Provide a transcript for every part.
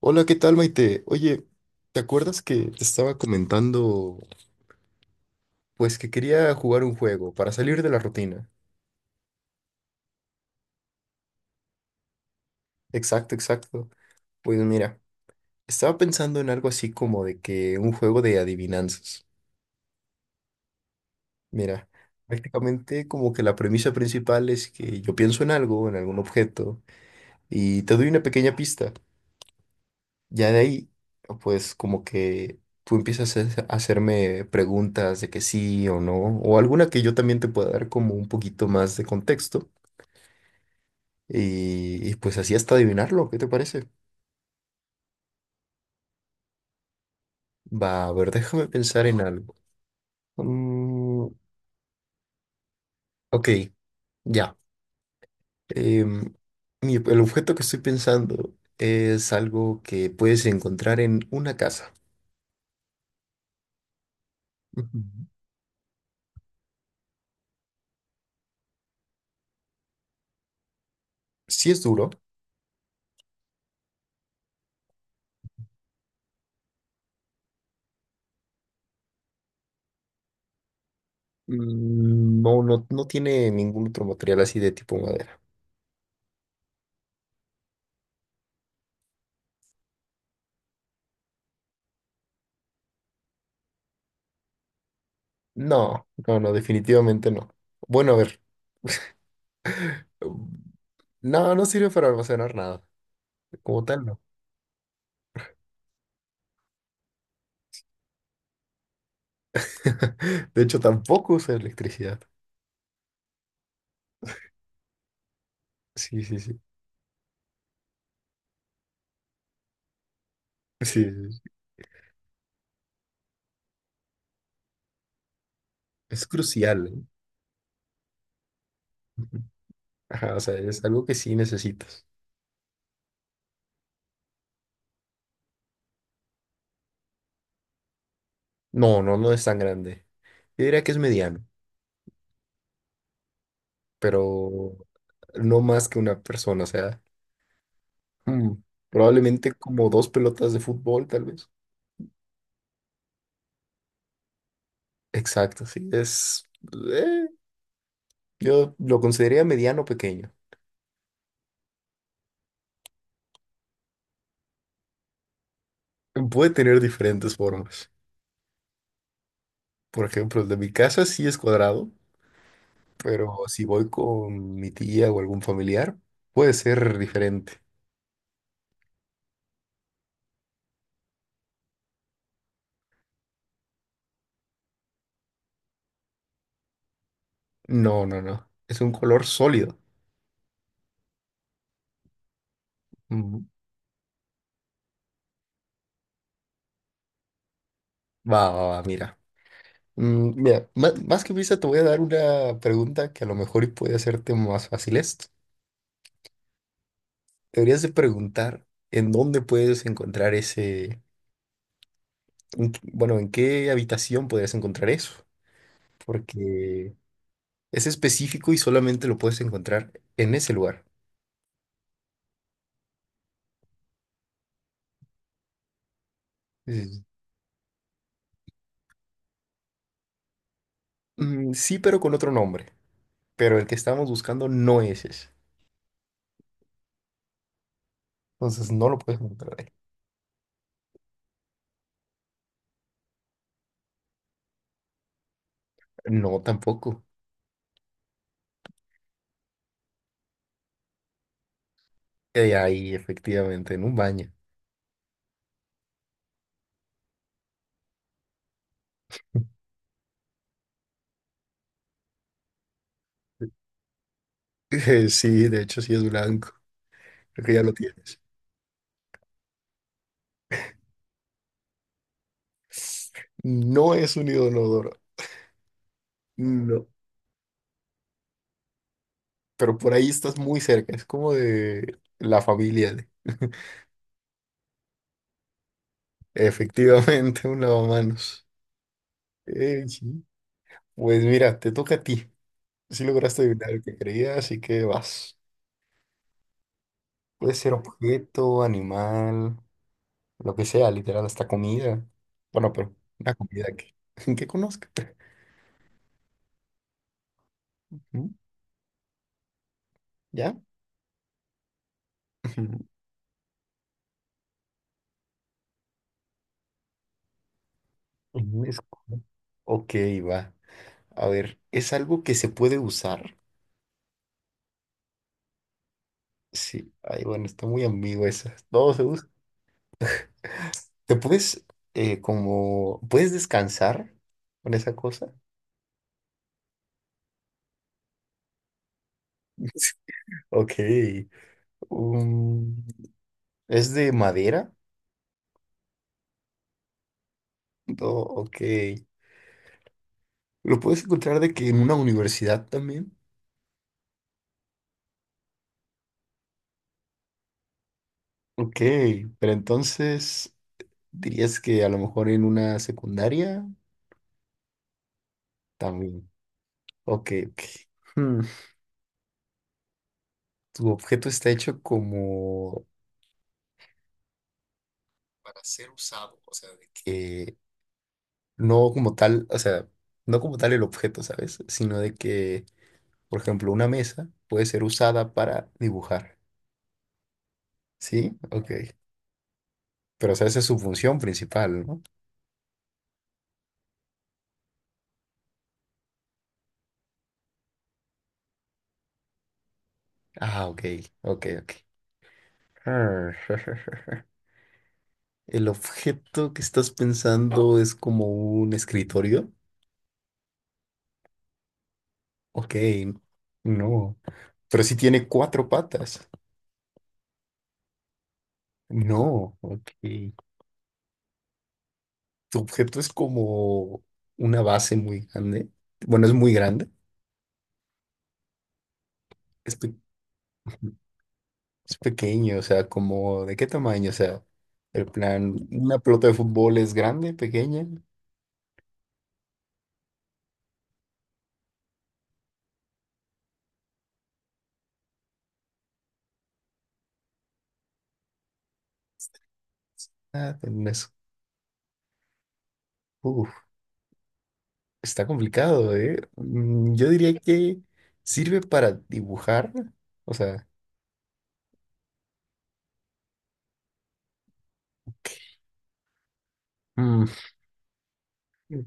Hola, ¿qué tal, Maite? Oye, ¿te acuerdas que te estaba comentando, pues que quería jugar un juego para salir de la rutina? Exacto, exacto. Pues mira, estaba pensando en algo así como de que un juego de adivinanzas. Mira, prácticamente como que la premisa principal es que yo pienso en algo, en algún objeto, y te doy una pequeña pista. Ya de ahí, pues como que tú empiezas a hacerme preguntas de que sí o no, o alguna que yo también te pueda dar como un poquito más de contexto, y pues así hasta adivinarlo, ¿qué te parece? Va, a ver, déjame pensar en algo. Mm, ok, ya. Em, el objeto que estoy pensando es algo que puedes encontrar en una casa. Ujú. Sí es duro, no, no tiene ningún otro material así de tipo madera. No, no, no, definitivamente no. Bueno, a ver, no, no sirve para almacenar nada, como tal no. De hecho, tampoco usa electricidad. Sí, sí, sí, sí, sí, sí. Es crucial, ¿eh? Ujú. Ajá, o sea, es algo que sí necesitas. No, no, no es tan grande. Yo diría que es mediano, pero no más que una persona, o sea, mm, probablemente como dos pelotas de fútbol, tal vez. Exacto, sí, es, eh, yo lo consideraría mediano pequeño. Puede tener diferentes formas. Por ejemplo, el de mi casa sí es cuadrado, pero si voy con mi tía o algún familiar, puede ser diferente. No, no, no. Es un color sólido. Mm, va, va, va, mira. Mira, más, que pista te voy a dar una pregunta que a lo mejor y puede hacerte más fácil esto. Deberías de preguntar en dónde puedes encontrar ese, bueno, en qué habitación podrías encontrar eso, porque es específico y solamente lo puedes encontrar en ese lugar. Dices, "Mm, sí, pero con otro nombre". Pero el que estamos buscando no es ese. Entonces no lo puedes encontrar ahí. No, tampoco. Ahí, efectivamente, en un baño. Sí, de hecho sí es blanco. Creo que ya lo tienes. No es un odonodoro. No. Pero por ahí estás muy cerca. Es como de la familia de... Efectivamente, un lavamanos. Sí. Pues mira, te toca a ti. Si lograste adivinar el que creía, así que vas. Puede ser objeto, animal, lo que sea, literal, hasta comida. Bueno, pero una comida que, que conozca. ¿Mm? ¿Ya? Ujú. Ujú, ok, va. A ver, ¿es algo que se puede usar? Sí. Ay, bueno, está muy ambigua esa. No se usa. ¿Te puedes, como, puedes descansar con esa cosa? Ok. Um, ¿Es de madera? No, ok. ¿Lo puedes encontrar de que en una universidad también? Ok, pero entonces dirías que a lo mejor en una secundaria también. Ok, ok. Hmm, tu objeto está hecho como para ser usado, o sea, de que no como tal, o sea, no como tal el objeto, ¿sabes? Sino de que, por ejemplo, una mesa puede ser usada para dibujar, ¿sí? Ok, pero o sea, esa es su función principal, ¿no? Ah, ok, ok, ok. El objeto que estás pensando es como un escritorio. Ok, no. Pero si tiene cuatro patas. No, ok. Tu objeto es como una base muy grande. Bueno, es muy grande. Es, es pequeño, o sea, como ¿de qué tamaño? O sea, el plan, una pelota de fútbol es grande, pequeña. Ah, no es- uf, está complicado, ¿eh? Mm, yo diría que sirve para dibujar. O sea.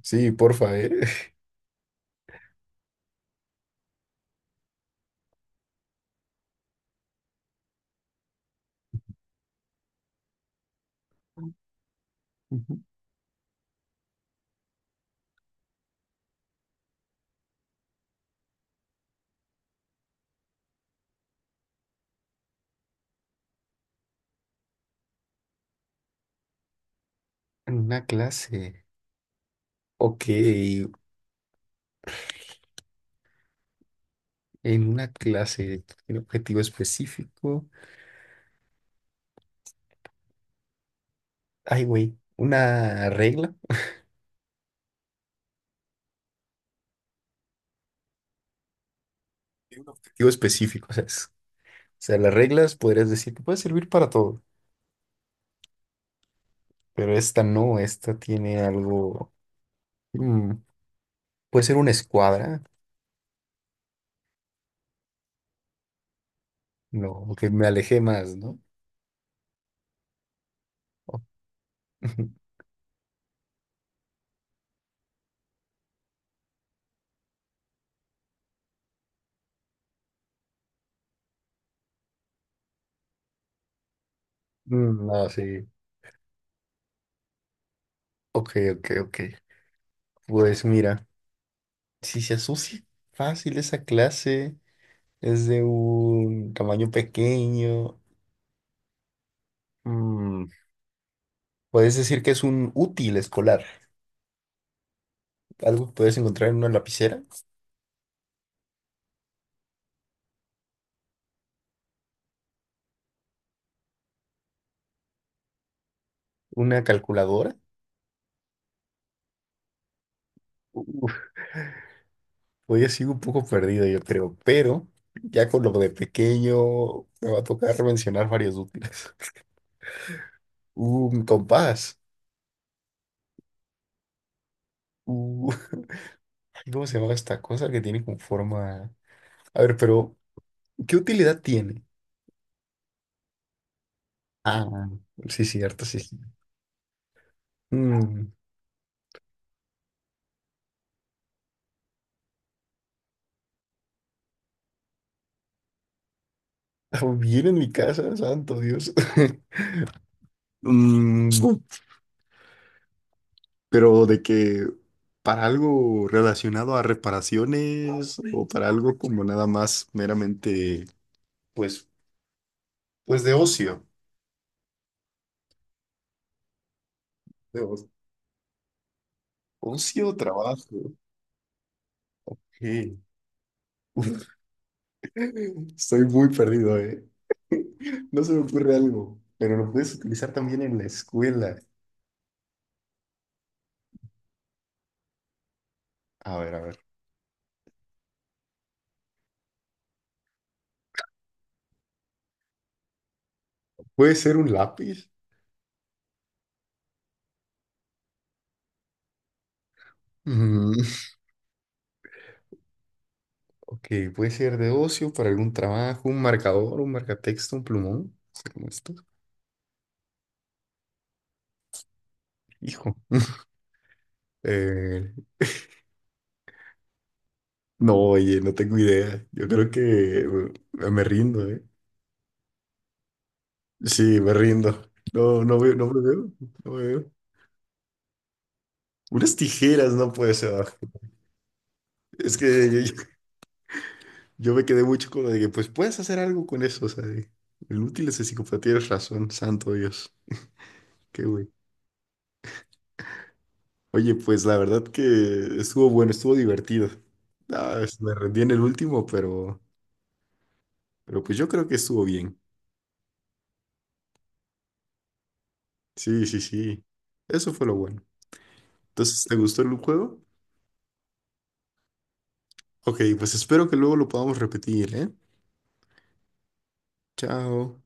Sí, porfa, ¿eh? En una clase. Ok, en una clase, un objetivo específico. Ay, güey, una regla y un objetivo específico, ¿sabes? O sea, las reglas podrías decir que puede servir para todo, pero esta no, esta tiene algo. mm, puede ser una escuadra, no, que me alejé más, ¿no? O- Mm, no, sí. Ok, ok, ok. Pues mira, si se asocia fácil esa clase. Es de un tamaño pequeño. Mm, puedes decir que es un útil escolar. Algo que puedes encontrar en una lapicera, una calculadora. Uf, hoy sigo un poco perdido, yo creo, pero ya con lo de pequeño me va a tocar mencionar varios útiles. Un compás. Uh, ay, ¿cómo se llama esta cosa que tiene con forma? A ver, pero ¿qué utilidad tiene? Ah, sí, cierto, sí, sí. Mm, bien en mi casa, santo Dios. Mm, pero de que para algo relacionado a reparaciones o para algo como nada más meramente, pues, pues de ocio, de o- ocio, trabajo. Sí. Estoy muy perdido, ¿eh? No se me ocurre algo, pero lo puedes utilizar también en la escuela. A ver, a ver. ¿Puede ser un lápiz? Mm, ok, puede ser de ocio, para algún trabajo, un marcador, un marcatexto, un plumón, no sé cómo esto. Hijo. Eh, No, oye, no tengo idea. Yo creo que me rindo, ¿eh? Sí, me rindo. No, no veo, no me veo, no me veo. Unas tijeras no puede ser. Ah, es que yo me quedé mucho con lo de que, pues puedes hacer algo con eso, el útil es de psicopatía, tienes razón, santo Dios. Qué güey. Oye, pues la verdad que estuvo bueno, estuvo divertido. Me rendí en el último, pero pues yo creo que estuvo bien. Sí, sí, sí. Eso fue lo bueno. Entonces, ¿te gustó el juego? Ok, pues espero que luego lo podamos repetir, ¿eh? Chao.